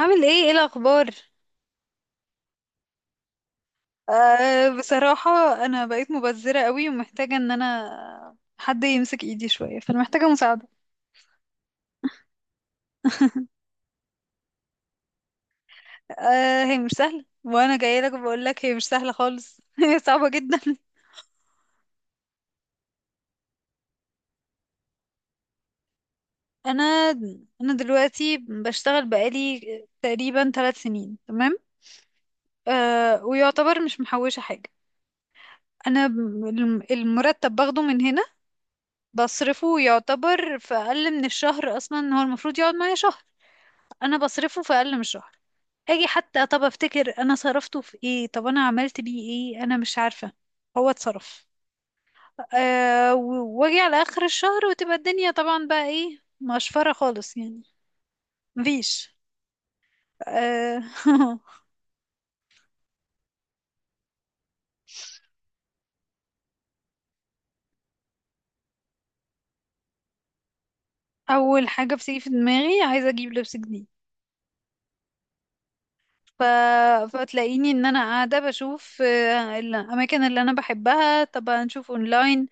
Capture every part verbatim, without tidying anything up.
عامل ايه ايه الاخبار؟ آه، بصراحة انا بقيت مبذرة قوي، ومحتاجة ان انا حد يمسك ايدي شوية، فانا محتاجة مساعدة. آه، هي مش سهلة، وانا جاية لك بقول لك هي مش سهلة خالص. هي صعبة جدا. انا انا دلوقتي بشتغل بقالي تقريبا ثلاث سنين، تمام؟ آه، ويعتبر مش محوشة حاجة. انا ب- الم- المرتب باخده من هنا، بصرفه يعتبر في اقل من الشهر. اصلا هو المفروض يقعد معايا شهر، انا بصرفه في اقل من شهر. اجي حتى طب افتكر انا صرفته في ايه، طب انا عملت بيه ايه، انا مش عارفة. هو اتصرف. أه و- واجي على اخر الشهر، وتبقى الدنيا طبعا بقى ايه، مقشفرة خالص يعني. مفيش. أه. اول حاجة بتيجي في دماغي عايزة اجيب لبس جديد. ف... فتلاقيني ان انا قاعده بشوف آه، الاماكن اللي انا بحبها، طب هنشوف اونلاين.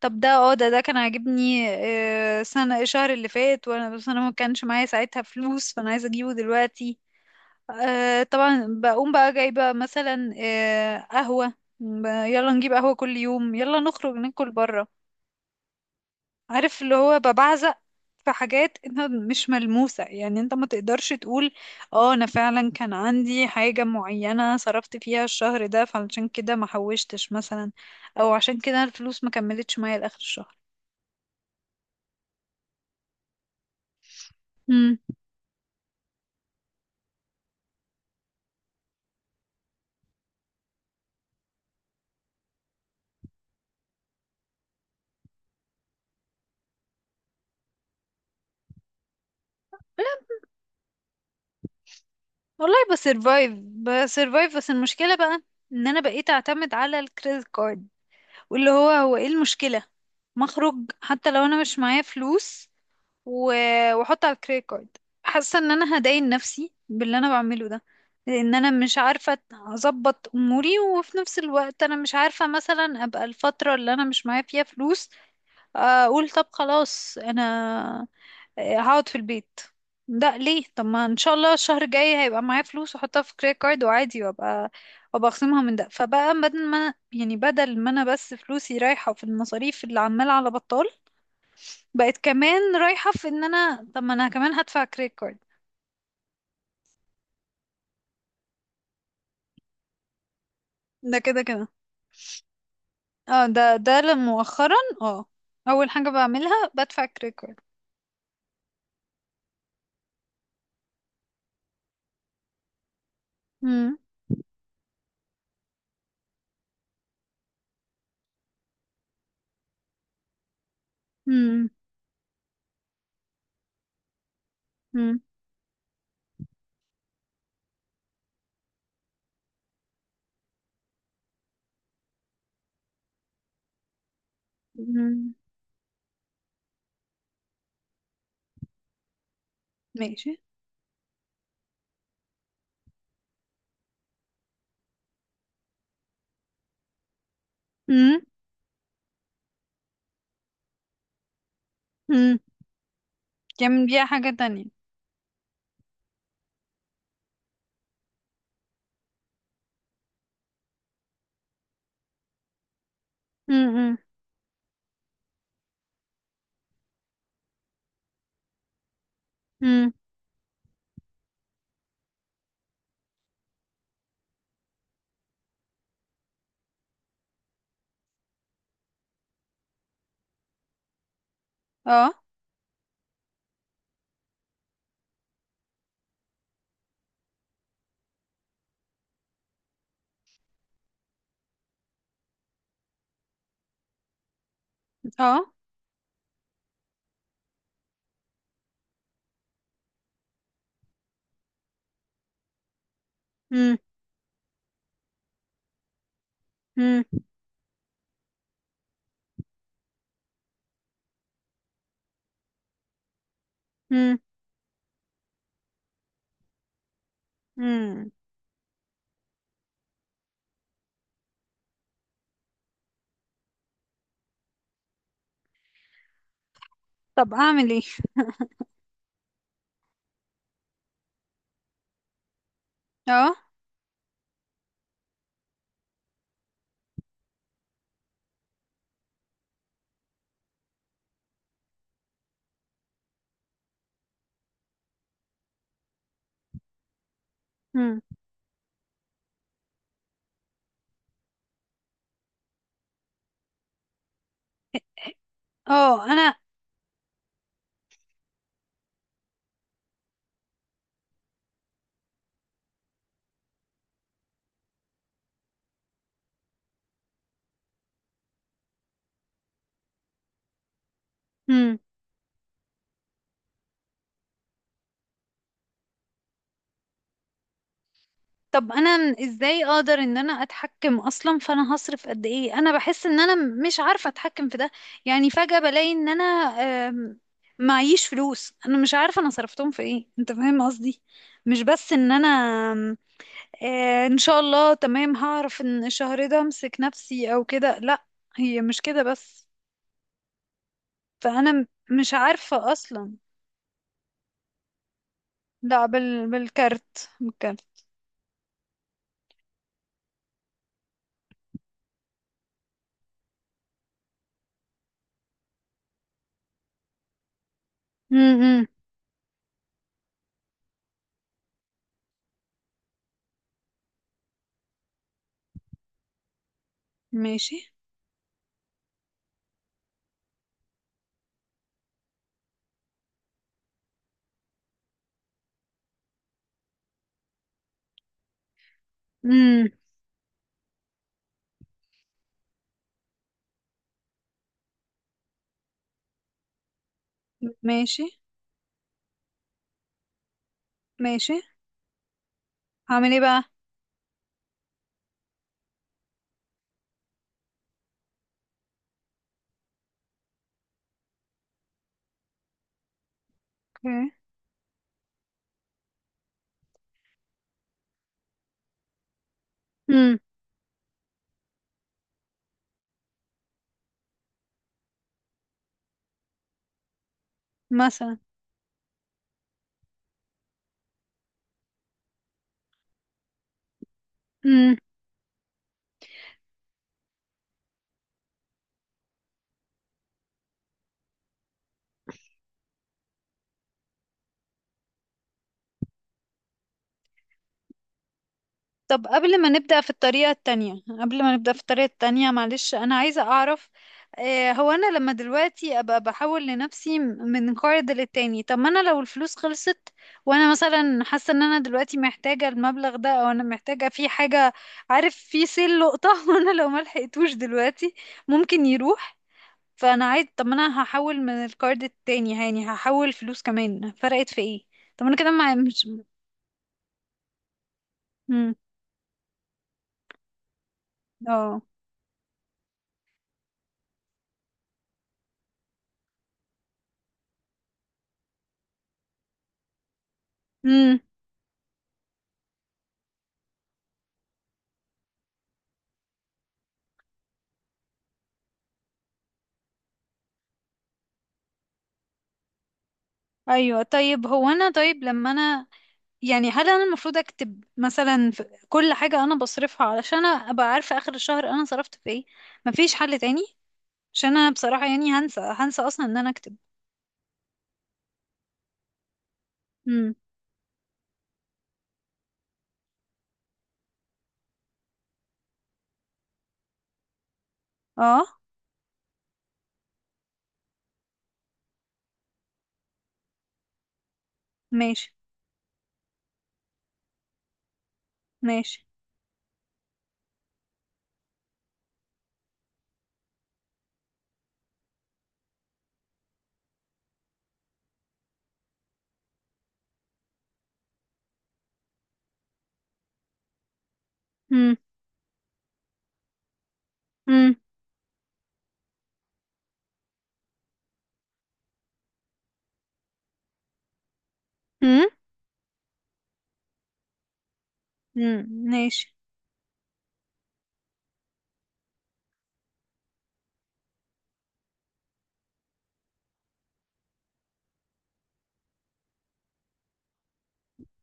طب ده، اه ده ده كان عاجبني آه، سنه، الشهر اللي فات، وانا بس انا ما كانش معايا ساعتها فلوس، فانا عايزه اجيبه دلوقتي. آه، طبعا بقوم بقى جايبه مثلا آه، قهوه. ب- يلا نجيب قهوه كل يوم، يلا نخرج ناكل بره. عارف، اللي هو ببعزق في حاجات انت مش ملموسة. يعني انت ما تقدرش تقول اه انا فعلا كان عندي حاجة معينة صرفت فيها الشهر ده، فعشان كده ما حوشتش مثلا، او عشان كده الفلوس ما كملتش معايا لاخر الشهر. امم والله بسرفايف، بسرفايف، بس المشكلة بقى ان انا بقيت اعتمد على الكريدت كارد. واللي هو هو ايه المشكلة، مخرج. حتى لو انا مش معايا فلوس، و- واحط على الكريدت كارد. حاسه ان انا هداين نفسي باللي انا بعمله ده، لان انا مش عارفه اظبط اموري، وفي نفس الوقت انا مش عارفه مثلا ابقى الفتره اللي انا مش معايا فيها فلوس، اقول طب خلاص انا آه، هقعد في البيت. ده ليه؟ طب ما ان شاء الله الشهر الجاي هيبقى معايا فلوس، واحطها في كريدت كارد وعادي، وابقى وابقى اخصمها من ده. فبقى بدل ما يعني بدل ما انا بس فلوسي رايحه في المصاريف اللي عماله على بطال، بقت كمان رايحة في ان انا طب ما انا كمان هدفع كريدت كارد. ده كده كده. اه، ده ده ل- مؤخرا اه اول حاجة بعملها بدفع كريدت كارد. مم. مم. مم. مم. ماشي. مم. مم. تعمل بيها حاجة تانية. مم. مم. مم. اه. اه. مم. مم. مم. مم. طب اعمل ايه؟ اه. مم. اه انا. مم. طب انا ازاي اقدر ان انا اتحكم اصلا، فانا هصرف قد ايه؟ انا بحس ان انا مش عارفة اتحكم في ده. يعني فجأة بلاقي ان انا آم، معيش فلوس، انا مش عارفة انا صرفتهم في ايه، انت فاهم قصدي؟ مش بس ان انا آم، آه، ان شاء الله تمام هعرف ان الشهر ده امسك نفسي او كده، لا، هي مش كده بس. فانا م- مش عارفة اصلا. لا، بال... بالكارت بالكارت. امم. ماشي. امم. ماشي. ماشي. هعمل ايه بقى؟ اوكي. امم. مثلا. امم. طب قبل ما نبدأ في الطريقة التانية، قبل ما نبدأ في الطريقة التانية معلش، أنا عايزة أعرف، آه، هو أنا لما دلوقتي أبقى بحول لنفسي م- من قرض للتاني، طب ما أنا لو الفلوس خلصت وأنا مثلا حاسة إن أنا دلوقتي محتاجة المبلغ ده، أو أنا محتاجة في حاجة، عارف، في سيل لقطة وأنا لو ما لحقتوش دلوقتي ممكن يروح، فأنا عايز، طب ما أنا هحول من القرض التاني، يعني هحول فلوس كمان، فرقت في إيه؟ طب أنا كده مع مش. مم. اه. امم. ايوه. طيب هو انا، طيب لما انا، يعني هل انا المفروض اكتب مثلا في كل حاجه انا بصرفها علشان ابقى عارفه اخر الشهر انا صرفت في ايه؟ مفيش حل تاني؟ عشان انا بصراحه يعني هنسى، هنسى اصلا ان انا اكتب. امم. اه. ماشي. ماشي. امم. امم. امم. امم. ماشي.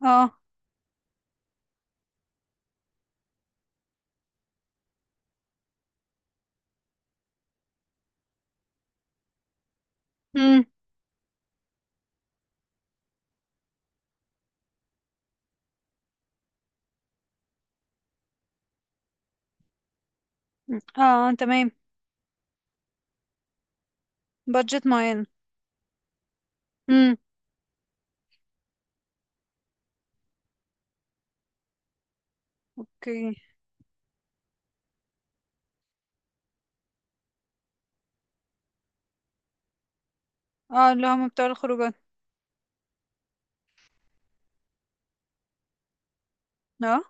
اه. امم. اه، تمام. بادجت معين. امم. اوكي. اه، اللي هم بتوع الخروجات. اه.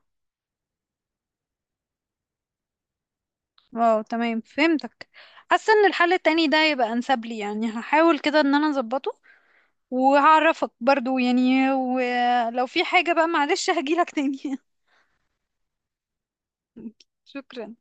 واو، تمام فهمتك. حاسه ان الحل التاني ده يبقى انسب لي، يعني هحاول كده ان انا اظبطه، وهعرفك برضو يعني، ولو في حاجه بقى معلش هجيلك تاني. شكرا.